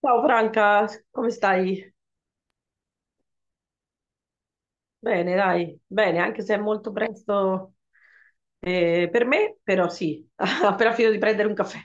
Ciao Franca, come stai? Bene, dai, bene, anche se è molto presto per me, però sì, ho appena finito di prendere un caffè.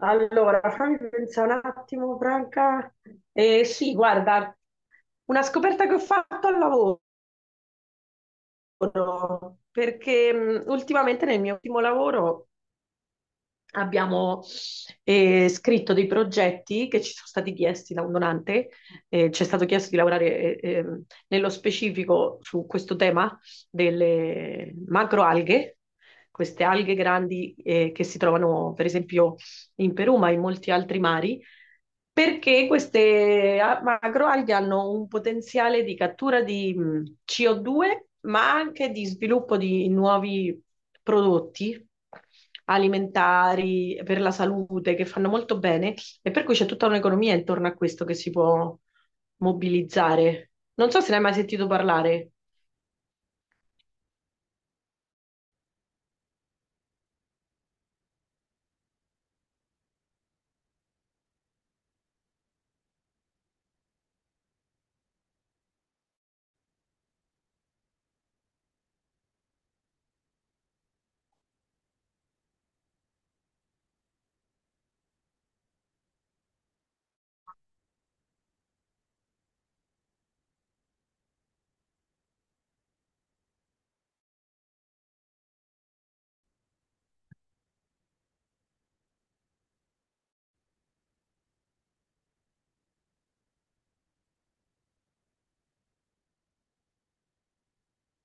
Allora, fammi pensare un attimo, Franca. Sì, guarda, una scoperta che ho fatto al lavoro, perché ultimamente nel mio ultimo lavoro abbiamo scritto dei progetti che ci sono stati chiesti da un donante, ci è stato chiesto di lavorare nello specifico su questo tema delle macroalghe, queste alghe grandi che si trovano per esempio in Perù, ma in molti altri mari, perché queste macroalghe hanno un potenziale di cattura di CO2, ma anche di sviluppo di nuovi prodotti alimentari per la salute che fanno molto bene e per cui c'è tutta un'economia intorno a questo che si può mobilizzare. Non so se ne hai mai sentito parlare.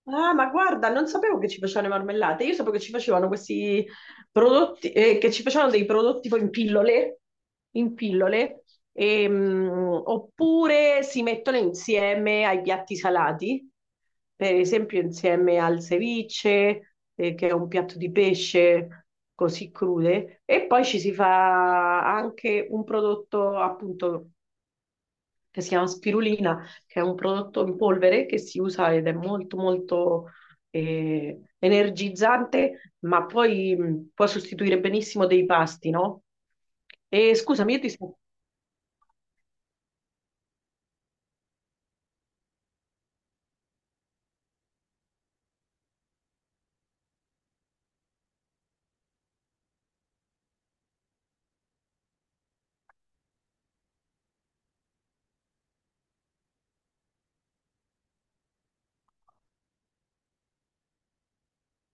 Ah, ma guarda, non sapevo che ci facevano le marmellate. Io sapevo che ci facevano questi prodotti, che ci facevano dei prodotti poi in pillole, in pillole, oppure si mettono insieme ai piatti salati, per esempio insieme al ceviche, che è un piatto di pesce così crude, e poi ci si fa anche un prodotto appunto che si chiama spirulina, che è un prodotto in polvere che si usa ed è molto molto energizzante, ma poi può sostituire benissimo dei pasti, no? E scusami, io ti sto.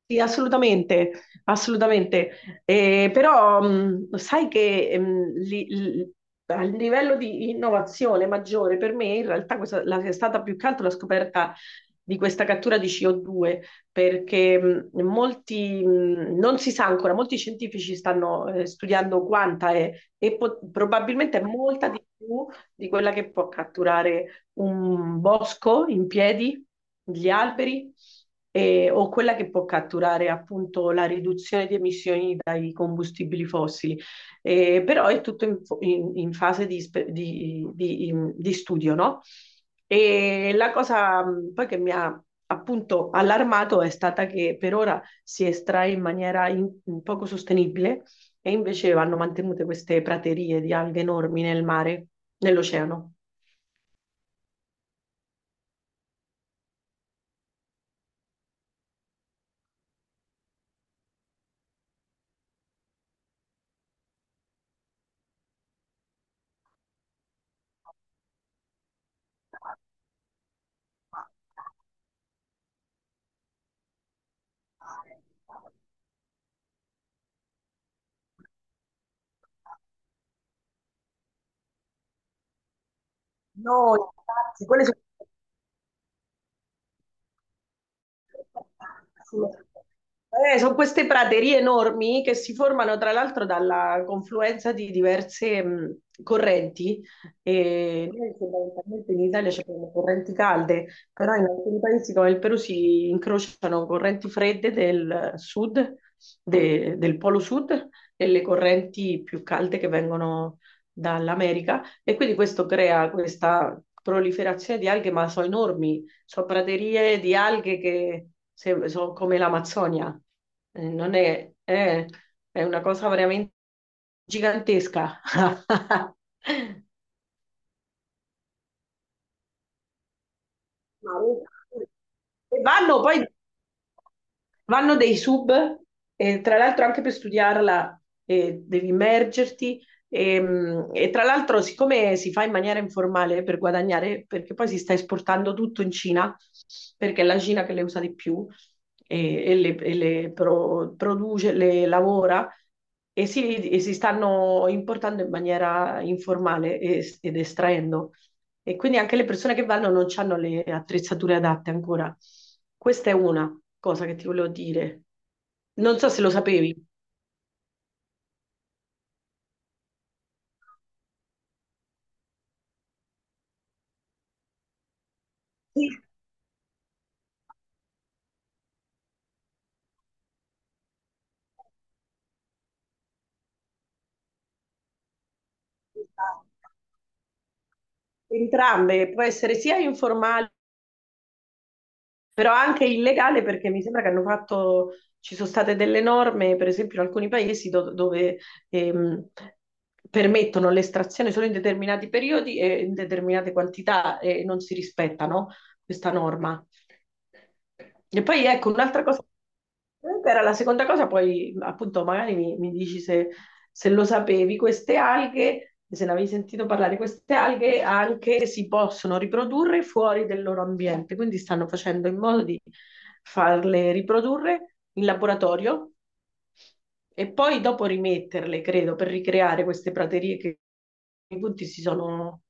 Sì, assolutamente, assolutamente. Però sai che a livello di innovazione maggiore per me in realtà è stata più che altro la scoperta di questa cattura di CO2, perché non si sa ancora, molti scientifici stanno studiando quanta è e probabilmente è molta di più di quella che può catturare un bosco in piedi, gli alberi, o quella che può catturare appunto la riduzione di emissioni dai combustibili fossili. Però è tutto in fase di, spe- di- in- di studio, no? E la cosa poi che mi ha appunto allarmato è stata che per ora si estrae in maniera poco sostenibile, e invece vanno mantenute queste praterie di alghe enormi nel mare, nell'oceano. No, infatti, quelle sono... Sono queste praterie enormi che si formano tra l'altro dalla confluenza di diverse correnti. E noi fondamentalmente in Italia ci abbiamo correnti calde, però in alcuni paesi come il Perù si incrociano correnti fredde del sud, del polo sud, e le correnti più calde che vengono dall'America. E quindi questo crea questa proliferazione di alghe, ma sono enormi, sono praterie di alghe che se- sono come l'Amazzonia. Non è, è una cosa veramente gigantesca. Ma- E vanno poi. Vanno dei sub, tra l'altro anche per studiarla, devi immergerti e tra l'altro siccome si fa in maniera informale per guadagnare, perché poi si sta esportando tutto in Cina, perché è la Cina che le usa di più e le produce, le lavora, e si stanno importando in maniera informale ed estraendo. E quindi anche le persone che vanno non hanno le attrezzature adatte ancora. Questa è una cosa che ti volevo dire. Non so se lo sapevi. Sì. Entrambe, può essere sia informale, però anche illegale perché mi sembra che hanno fatto, ci sono state delle norme, per esempio in alcuni paesi dove ehm, permettono l'estrazione solo in determinati periodi e in determinate quantità e non si rispettano questa norma. E poi ecco, un'altra cosa, era la seconda cosa, poi appunto magari mi dici se se lo sapevi, queste alghe, se ne avevi sentito parlare, queste alghe anche si possono riprodurre fuori del loro ambiente, quindi stanno facendo in modo di farle riprodurre in laboratorio e poi dopo rimetterle, credo, per ricreare queste praterie che i punti si sono...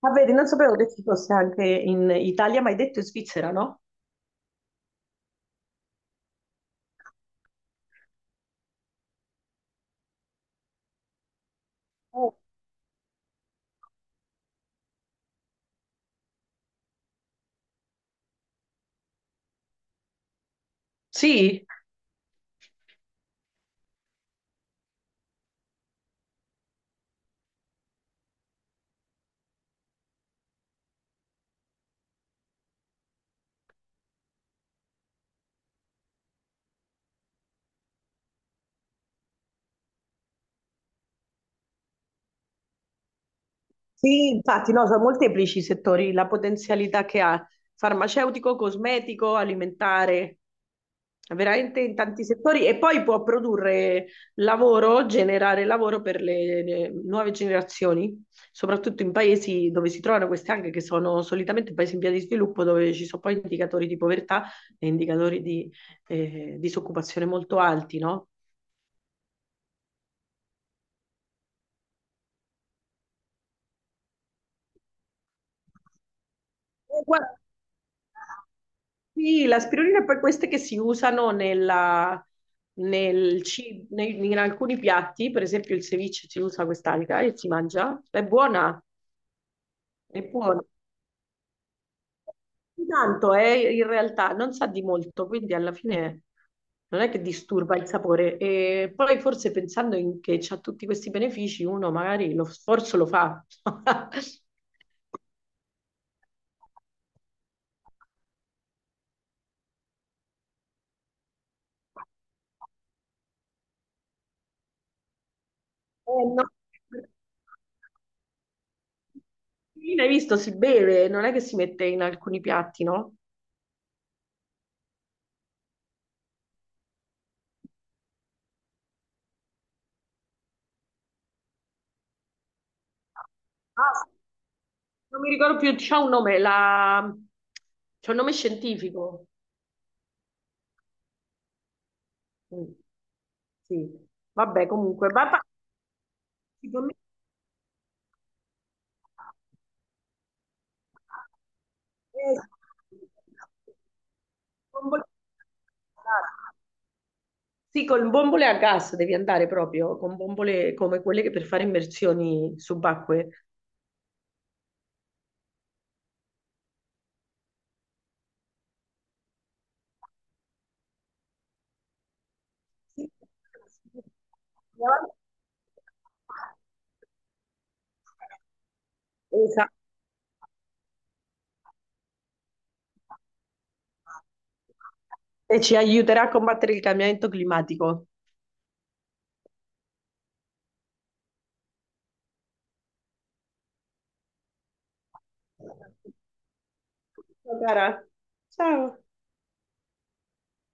Ah, vedi, non sapevo che ci fosse anche in Italia, ma hai detto in Svizzera, no? Oh. Sì. Sì, infatti, no, sono molteplici i settori, la potenzialità che ha, farmaceutico, cosmetico, alimentare, veramente in tanti settori, e poi può produrre lavoro, generare lavoro per le nuove generazioni, soprattutto in paesi dove si trovano queste anche, che sono solitamente paesi in via di sviluppo dove ci sono poi indicatori di povertà e indicatori di disoccupazione molto alti, no? Guarda, sì, l'aspirina è poi queste che si usano in alcuni piatti, per esempio il ceviche si usa quest'alga e si mangia, è buona, è buona. Tanto è in realtà, non sa di molto, quindi alla fine non è che disturba il sapore. E poi forse pensando che ha tutti questi benefici, uno magari lo sforzo lo fa. No. L'aspirina, hai visto, si beve, non è che si mette in alcuni piatti, no? Ah, non mi ricordo più, c'ha un nome, la... c'ha un nome scientifico. Mm, sì, vabbè, comunque, va- va- secondo me- eh, bombole- sì, con bombole a gas devi andare proprio, con bombole come quelle che per fare immersioni subacquee. Sì. Esatto. E ci aiuterà a combattere il cambiamento climatico. Ciao, cara. Ciao.